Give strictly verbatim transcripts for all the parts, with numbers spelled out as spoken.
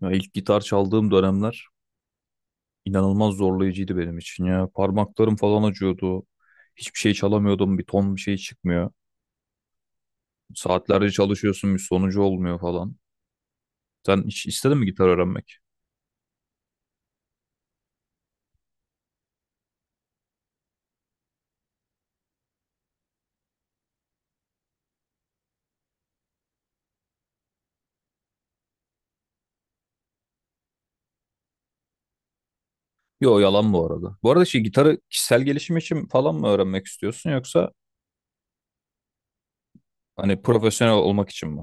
Ya ilk gitar çaldığım dönemler inanılmaz zorlayıcıydı benim için ya. Parmaklarım falan acıyordu. Hiçbir şey çalamıyordum. Bir ton bir şey çıkmıyor. Saatlerce çalışıyorsun bir sonucu olmuyor falan. Sen hiç istedin mi gitar öğrenmek? Yo yalan bu arada. Bu arada şey gitarı kişisel gelişim için falan mı öğrenmek istiyorsun yoksa hani profesyonel olmak için mi?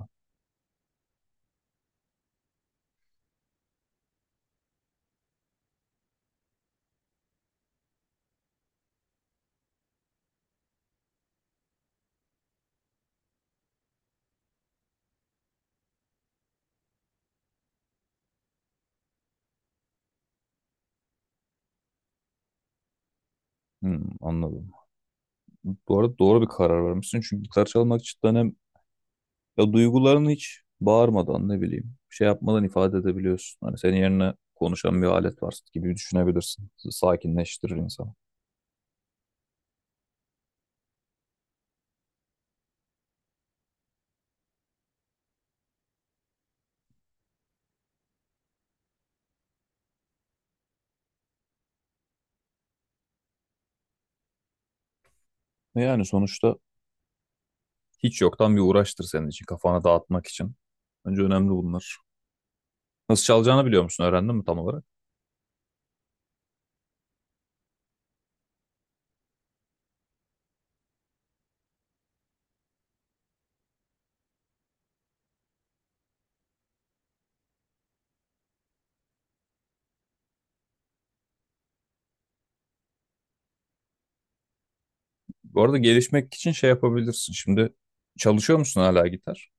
Hmm, anladım. Bu arada doğru bir karar vermişsin. Çünkü gitar çalmak cidden hem ya duygularını hiç bağırmadan ne bileyim şey yapmadan ifade edebiliyorsun. Hani senin yerine konuşan bir alet var gibi düşünebilirsin. Sakinleştirir insanı. Ve yani sonuçta hiç yoktan bir uğraştır senin için kafana dağıtmak için. Bence önemli bunlar. Nasıl çalacağını biliyor musun? Öğrendin mi tam olarak? Bu arada gelişmek için şey yapabilirsin. Şimdi çalışıyor musun hala gitar?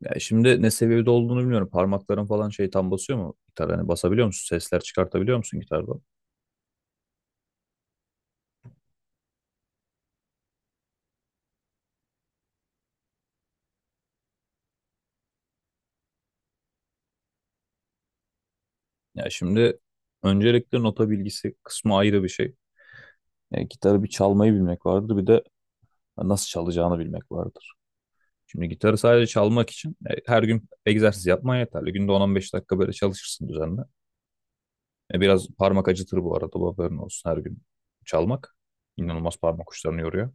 Ya şimdi ne seviyede olduğunu bilmiyorum. Parmakların falan şey tam basıyor mu gitar? Hani basabiliyor musun? Sesler çıkartabiliyor musun gitarda? Ya şimdi öncelikle nota bilgisi kısmı ayrı bir şey. E, gitarı bir çalmayı bilmek vardır, bir de nasıl çalacağını bilmek vardır. Şimdi gitarı sadece çalmak için e, her gün egzersiz yapman yeterli. Günde on on beş dakika böyle çalışırsın düzenli. E, biraz parmak acıtır bu arada, bu haberin olsun her gün çalmak. İnanılmaz parmak uçlarını yoruyor.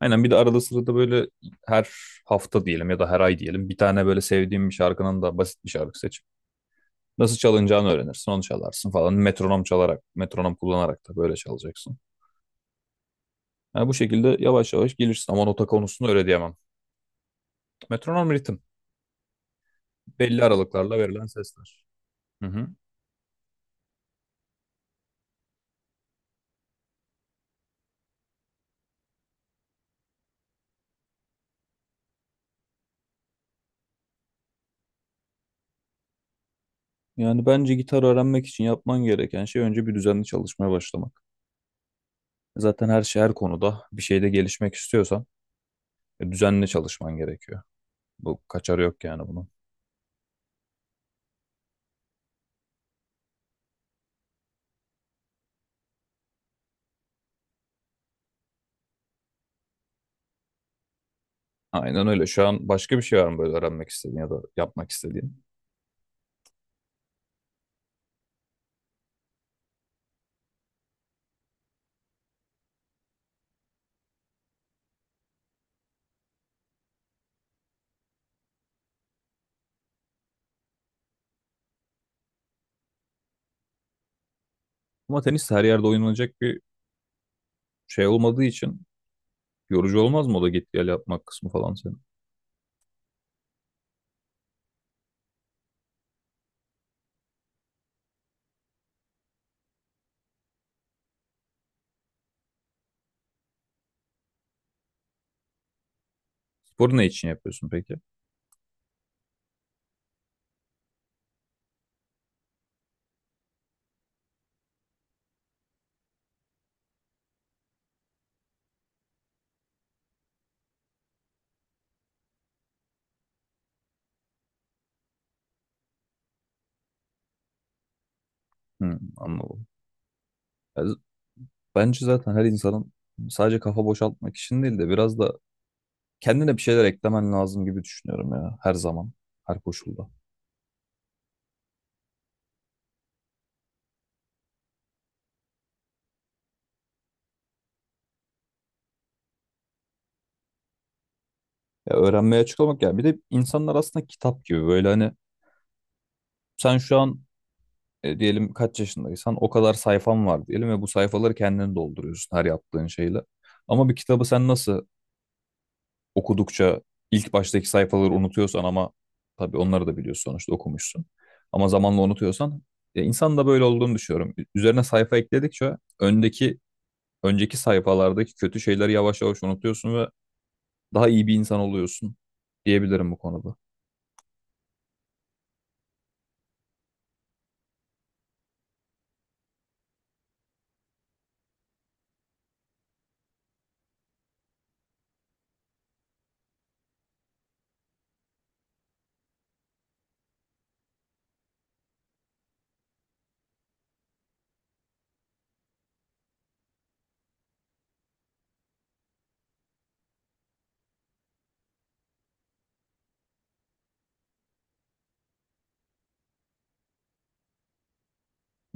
Aynen bir de arada sırada böyle her hafta diyelim ya da her ay diyelim bir tane böyle sevdiğim bir şarkının da basit bir şarkı seç. Nasıl çalınacağını öğrenirsin. Onu çalarsın falan. Metronom çalarak, metronom kullanarak da böyle çalacaksın. Yani bu şekilde yavaş yavaş gelirsin ama nota konusunu öyle diyemem. Metronom ritim. Belli aralıklarla verilen sesler. Hı hı. Yani bence gitar öğrenmek için yapman gereken şey önce bir düzenli çalışmaya başlamak. Zaten her şey her konuda bir şeyde gelişmek istiyorsan e, düzenli çalışman gerekiyor. Bu kaçarı yok yani bunun. Aynen öyle. Şu an başka bir şey var mı böyle öğrenmek istediğin ya da yapmak istediğin? Ama tenis her yerde oynanacak bir şey olmadığı için yorucu olmaz mı o da git gel yapmak kısmı falan senin? Sporu ne için yapıyorsun peki? Hı, anladım. Ya z- bence zaten her insanın sadece kafa boşaltmak için değil de biraz da kendine bir şeyler eklemen lazım gibi düşünüyorum ya her zaman, her koşulda. Ya öğrenmeye açık olmak yani bir de insanlar aslında kitap gibi böyle hani sen şu an e, diyelim kaç yaşındaysan o kadar sayfan var diyelim ve bu sayfaları kendin dolduruyorsun her yaptığın şeyle. Ama bir kitabı sen nasıl okudukça ilk baştaki sayfaları unutuyorsan ama tabii onları da biliyorsun sonuçta okumuşsun. Ama zamanla unutuyorsan ya insan da böyle olduğunu düşünüyorum. Ü- Üzerine sayfa ekledikçe öndeki önceki sayfalardaki kötü şeyleri yavaş yavaş unutuyorsun ve daha iyi bir insan oluyorsun diyebilirim bu konuda.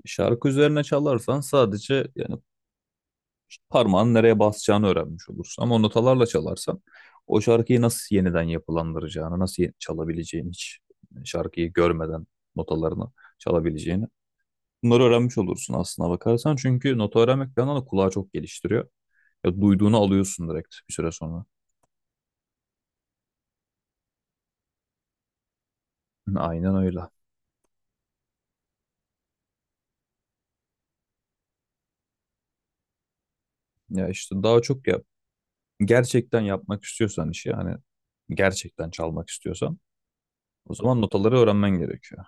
Şarkı üzerine çalarsan sadece yani parmağın nereye basacağını öğrenmiş olursun. Ama notalarla çalarsan o şarkıyı nasıl yeniden yapılandıracağını, nasıl ye- çalabileceğini hiç e, şarkıyı görmeden notalarını çalabileceğini. Bunları öğrenmiş olursun aslına bakarsan. Çünkü notu öğrenmek bir yandan da kulağı çok geliştiriyor. Ya duyduğunu alıyorsun direkt bir süre sonra. Hı, aynen öyle. Ya işte daha çok ya gerçekten yapmak istiyorsan işi hani gerçekten çalmak istiyorsan o zaman notaları öğrenmen gerekiyor.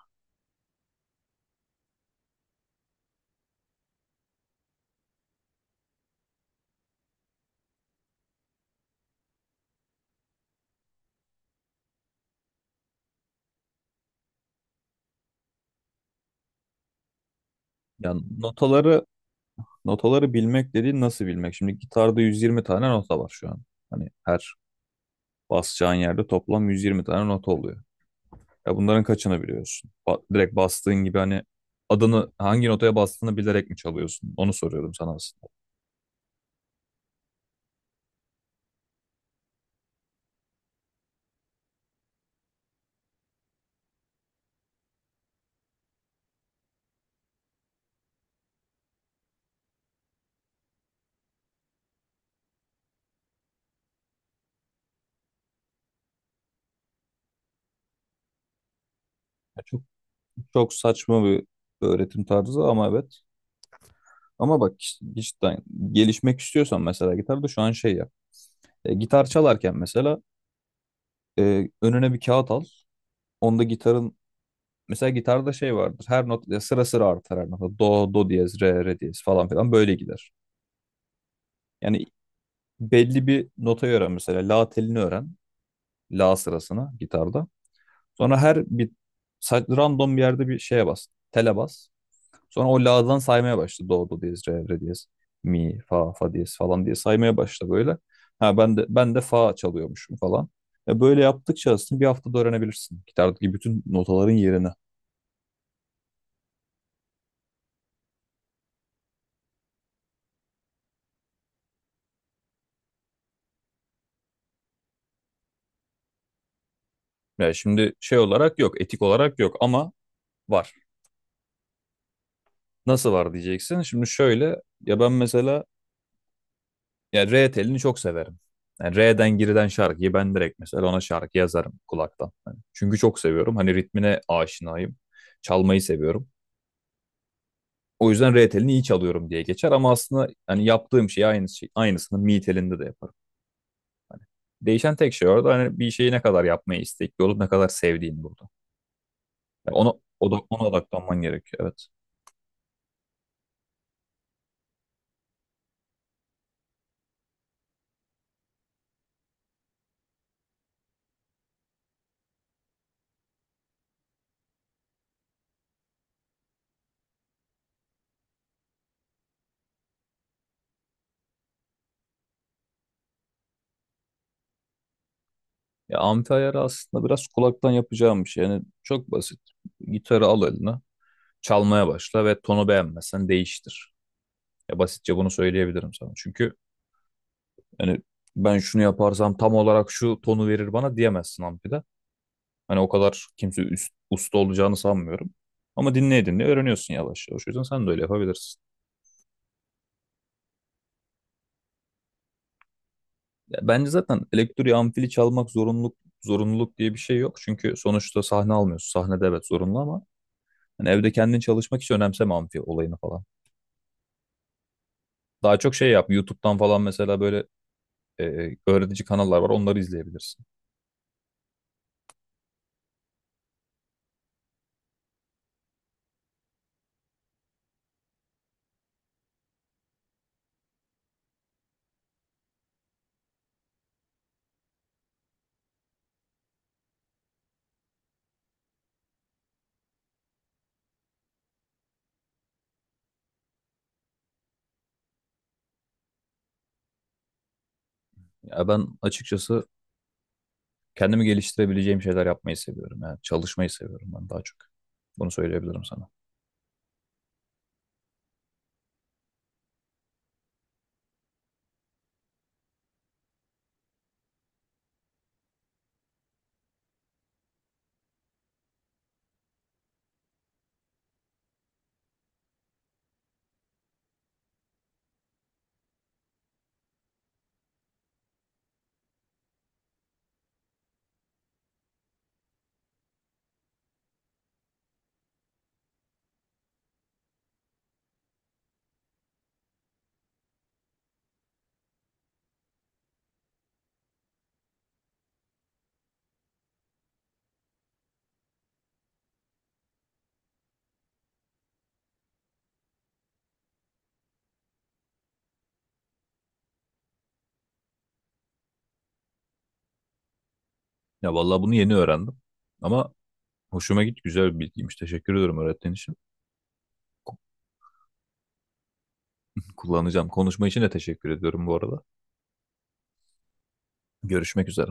Yani notaları notaları bilmek dediğin nasıl bilmek? Şimdi gitarda yüz yirmi tane nota var şu an. Hani her basacağın yerde toplam yüz yirmi tane nota oluyor. Ya bunların kaçını biliyorsun? Ba- direkt bastığın gibi hani adını hangi notaya bastığını bilerek mi çalıyorsun? Onu soruyorum sana aslında. Ya çok çok saçma bir öğretim tarzı ama evet. Ama bak işte gelişmek istiyorsan mesela gitarda şu an şey yap. E, gitar çalarken mesela e, önüne bir kağıt al. Onda gitarın mesela gitarda şey vardır. Her not ya sıra sıra artar her nota. Do, do diyez, re, re diyez falan filan böyle gider. Yani belli bir notayı öğren mesela la telini öğren. La sırasına gitarda. Sonra her bir sa- random bir yerde bir şeye bas. Tele bas. Sonra o la'dan saymaya başla. Do, do diyez, re, re diyez, mi, fa, fa diyez falan diye saymaya başla böyle. Ha ben de ben de fa çalıyormuşum falan. E böyle yaptıkça aslında bir haftada öğrenebilirsin. Gitardaki bütün notaların yerini. Yani şimdi şey olarak yok, etik olarak yok ama var. Nasıl var diyeceksin. Şimdi şöyle ya ben mesela yani R telini çok severim. Yani R'den girilen şarkıyı ben direkt mesela ona şarkı yazarım kulaktan. Hani çünkü çok seviyorum. Hani ritmine aşinayım. Çalmayı seviyorum. O yüzden R telini iyi çalıyorum diye geçer ama aslında hani yaptığım şey aynı şey, aynısını mi telinde de yaparım. Değişen tek şey orada hani bir şeyi ne kadar yapmaya istekli olup ne kadar sevdiğin burada. Yani ona, oda, ona odaklanman gerekiyor evet. Ya amfi ayarı aslında biraz kulaktan yapacağım bir şey. Yani çok basit. Gitarı al eline, çalmaya başla ve tonu beğenmezsen değiştir. Ya basitçe bunu söyleyebilirim sana. Çünkü hani ben şunu yaparsam tam olarak şu tonu verir bana diyemezsin amfide. Hani o kadar kimse üst, usta olacağını sanmıyorum. Ama dinleye dinleye öğreniyorsun yavaş yavaş. O yüzden sen de öyle yapabilirsin. Ya bence zaten elektriği amfili çalmak zorunluluk, zorunluluk diye bir şey yok. Çünkü sonuçta sahne almıyorsun. Sahnede evet zorunlu ama hani evde kendin çalışmak hiç önemseme amfi olayını falan. Daha çok şey yap. YouTube'dan falan mesela böyle e, öğretici kanallar var. Onları izleyebilirsin. Ya ben açıkçası kendimi geliştirebileceğim şeyler yapmayı seviyorum. Yani çalışmayı seviyorum ben daha çok. Bunu söyleyebilirim sana. Ya vallahi bunu yeni öğrendim. Ama hoşuma git güzel bir bilgiymiş. Teşekkür ediyorum öğrettiğin için. Ku- Kullanacağım. Konuşma için de teşekkür ediyorum bu arada. Görüşmek üzere.